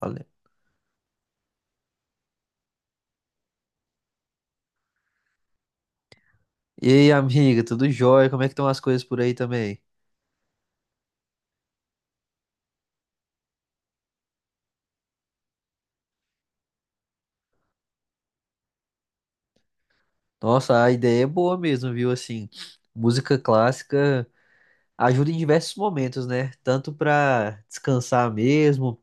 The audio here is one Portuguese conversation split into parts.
Falei. E aí, amiga, tudo jóia? Como é que estão as coisas por aí também? Nossa, a ideia é boa mesmo, viu? Assim, música clássica ajuda em diversos momentos, né? Tanto pra descansar mesmo,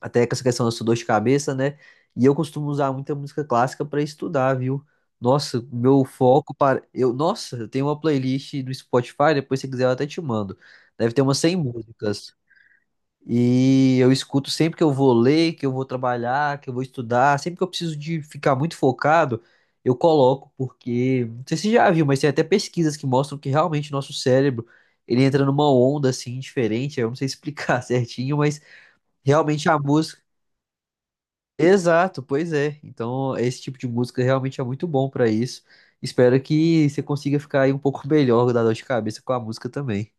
até com essa questão da sua dor de cabeça, né? E eu costumo usar muita música clássica pra estudar, viu? Nossa, meu foco para eu, nossa, eu tenho uma playlist do Spotify, depois se quiser eu até te mando. Deve ter umas 100 músicas. E eu escuto sempre que eu vou ler, que eu vou trabalhar, que eu vou estudar, sempre que eu preciso de ficar muito focado, eu coloco, porque não sei se você já viu, mas tem até pesquisas que mostram que realmente nosso cérebro, ele entra numa onda assim diferente, eu não sei explicar certinho, mas realmente a música, exato, pois é. Então, esse tipo de música realmente é muito bom pra isso. Espero que você consiga ficar aí um pouco melhor da dor de cabeça com a música também.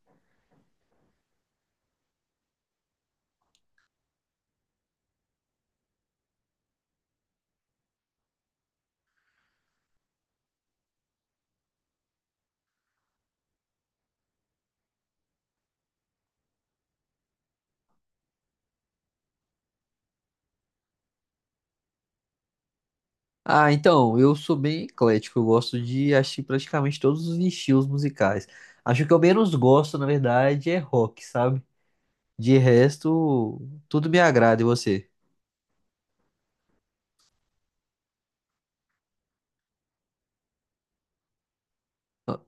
Ah, então, eu sou bem eclético, eu gosto de assistir praticamente todos os estilos musicais. Acho que eu menos gosto, na verdade, é rock, sabe? De resto, tudo me agrada, e você? Ah,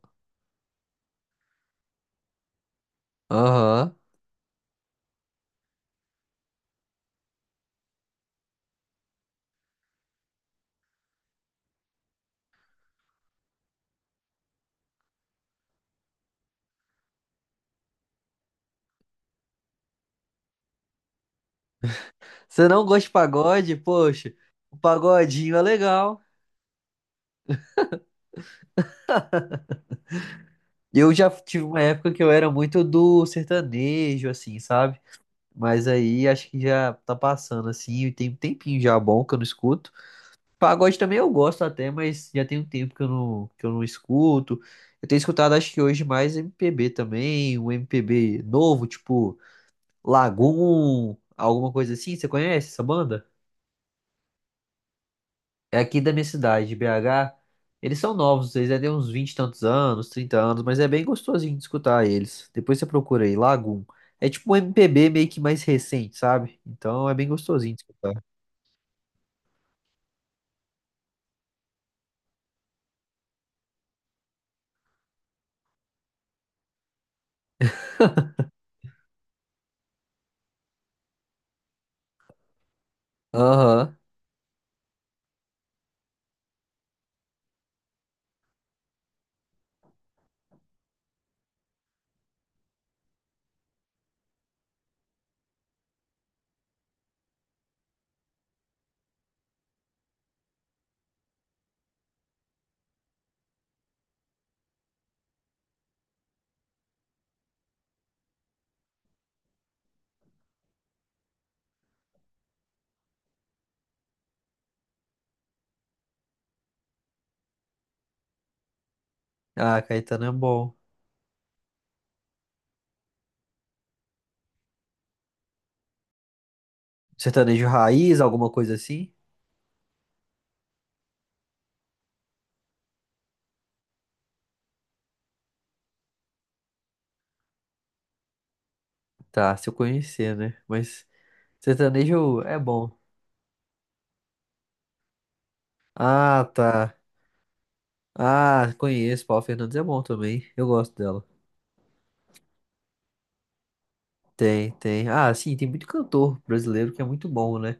aham. Você não gosta de pagode? Poxa, o pagodinho é legal. Eu já tive uma época que eu era muito do sertanejo, assim, sabe? Mas aí acho que já tá passando, assim, e tem um tempinho já bom que eu não escuto. Pagode também eu gosto até, mas já tem um tempo que eu não escuto. Eu tenho escutado, acho que hoje, mais MPB também, um MPB novo, tipo Lagoon, alguma coisa assim. Você conhece essa banda? É aqui da minha cidade, de BH. Eles são novos, eles já têm uns 20 e tantos anos, 30 anos, mas é bem gostosinho de escutar eles. Depois você procura aí, Lagoon. É tipo um MPB meio que mais recente, sabe? Então é bem gostosinho de escutar. Aham. Ah, Caetano é bom. Sertanejo raiz, alguma coisa assim? Tá, se eu conhecer, né? Mas sertanejo é bom. Ah, tá. Ah, conheço. Paula Fernandes é bom também. Eu gosto dela. Tem, tem. Ah, sim, tem muito cantor brasileiro que é muito bom, né?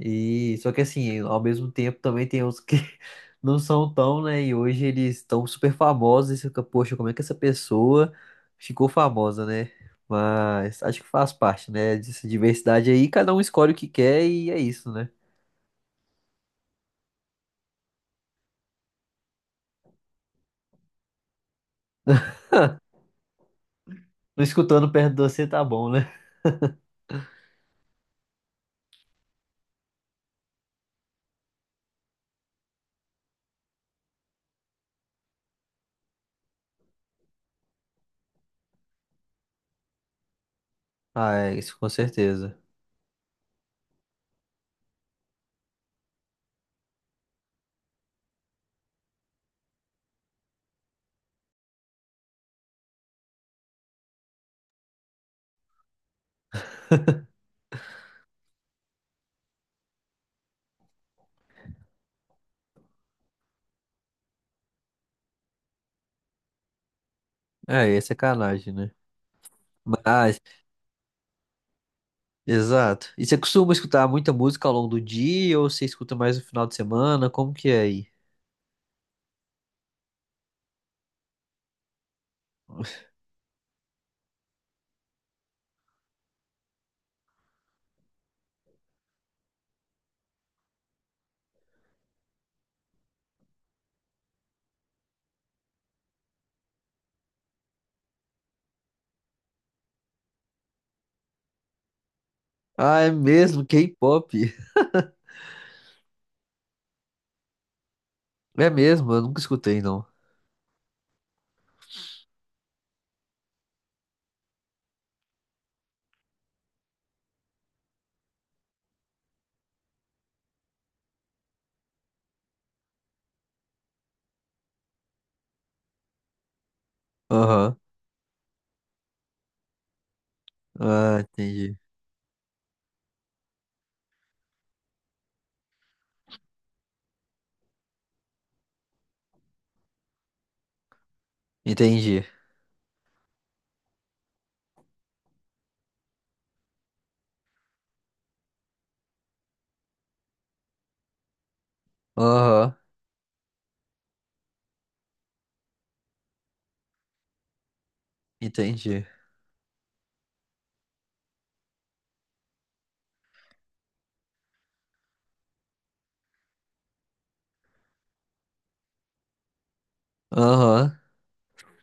E só que assim, ao mesmo tempo também tem uns que não são tão, né? E hoje eles estão super famosos. E você fica, poxa, como é que essa pessoa ficou famosa, né? Mas acho que faz parte, né? Dessa diversidade aí, cada um escolhe o que quer e é isso, né? Não escutando perto de você tá bom, né? Ah, é, isso com certeza. É, é sacanagem, né? Mas, exato. E você costuma escutar muita música ao longo do dia ou você escuta mais no final de semana? Como que é aí? Ah, é mesmo, K-pop. É mesmo, eu nunca escutei, não. Aham. Ah, entendi. Entendi. Aham, entendi. Aham.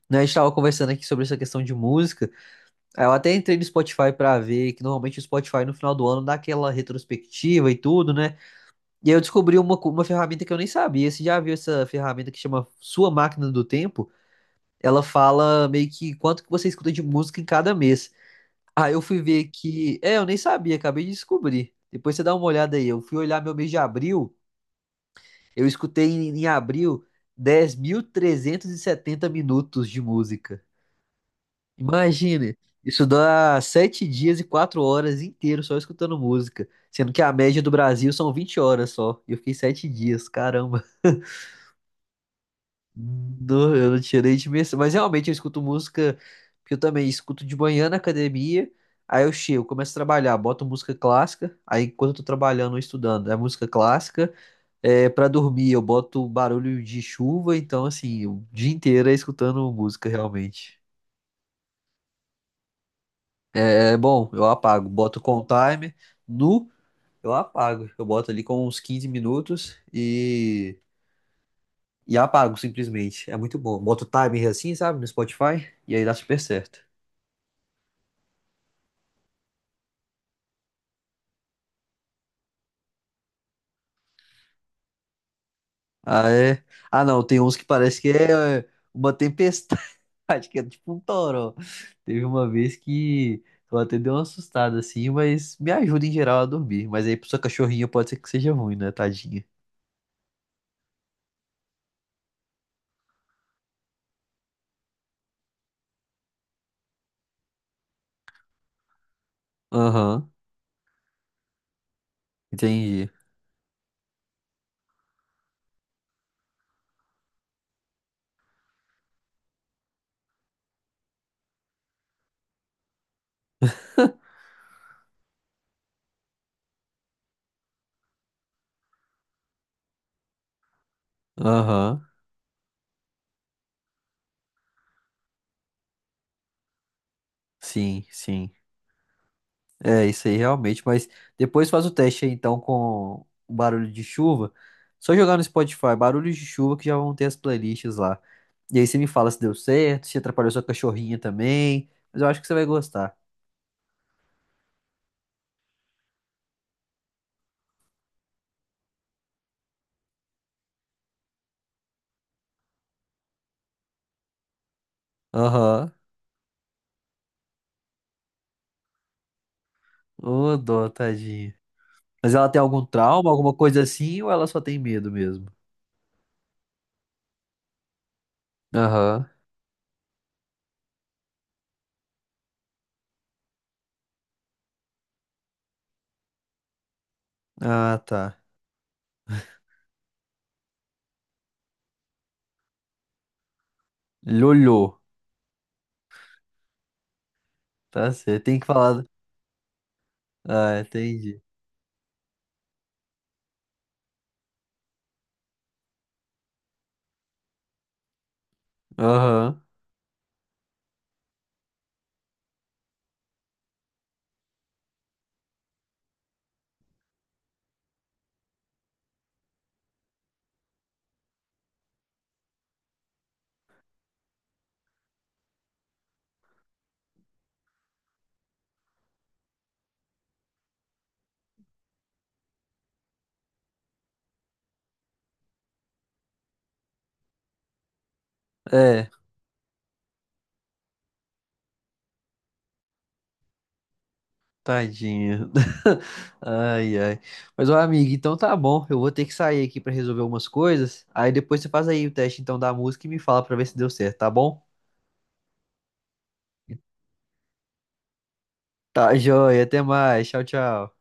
Né, a gente tava conversando aqui sobre essa questão de música. Aí eu até entrei no Spotify pra ver que normalmente o Spotify no final do ano dá aquela retrospectiva e tudo, né? E aí eu descobri uma, uma ferramenta que eu nem sabia. Você já viu essa ferramenta que chama Sua Máquina do Tempo? Ela fala meio que quanto que você escuta de música em cada mês. Aí eu fui ver que. É, eu nem sabia, acabei de descobrir. Depois você dá uma olhada aí. Eu fui olhar meu mês de abril. Eu escutei em, abril 10.370 minutos de música. Imagine! Isso dá 7 dias e 4 horas inteiros só escutando música. Sendo que a média do Brasil são 20 horas só. E eu fiquei 7 dias, caramba. Não, eu não tinha nem dimensão. Mas realmente eu escuto música, porque eu também escuto de manhã na academia. Aí eu chego, começo a trabalhar, boto música clássica. Aí enquanto eu tô trabalhando ou estudando, é música clássica. É, para dormir, eu boto barulho de chuva. Então, assim, o dia inteiro é escutando música realmente. É, é bom, eu apago, boto com o timer. Nu, eu apago. Eu boto ali com uns 15 minutos e, apago simplesmente. É muito bom. Boto o timer assim, sabe, no Spotify. E aí dá super certo. Ah, é? Ah, não, tem uns que parece que é uma tempestade, que é tipo um toró. Teve uma vez que eu até dei uma assustada assim, mas me ajuda em geral a dormir. Mas aí pra sua cachorrinha pode ser que seja ruim, né, tadinha? Aham, entendi. Aham, sim, sim. É, isso aí realmente, mas depois faz o teste aí então com o barulho de chuva. Só jogar no Spotify, barulhos de chuva que já vão ter as playlists lá. E aí você me fala se deu certo, se atrapalhou sua cachorrinha também, mas eu acho que você vai gostar. Aham. Ô, dó, tadinha. Mas ela tem algum trauma, alguma coisa assim, ou ela só tem medo mesmo? Aham. Ah, tá. Lolô. Tá certo. Tem que falar. Ah, entendi. Aham. É. Tadinho. Ai, ai. Mas, ó, amigo, então tá bom. Eu vou ter que sair aqui pra resolver algumas coisas. Aí depois você faz aí o teste então da música e me fala pra ver se deu certo, tá bom? Tá joia. Até mais. Tchau, tchau.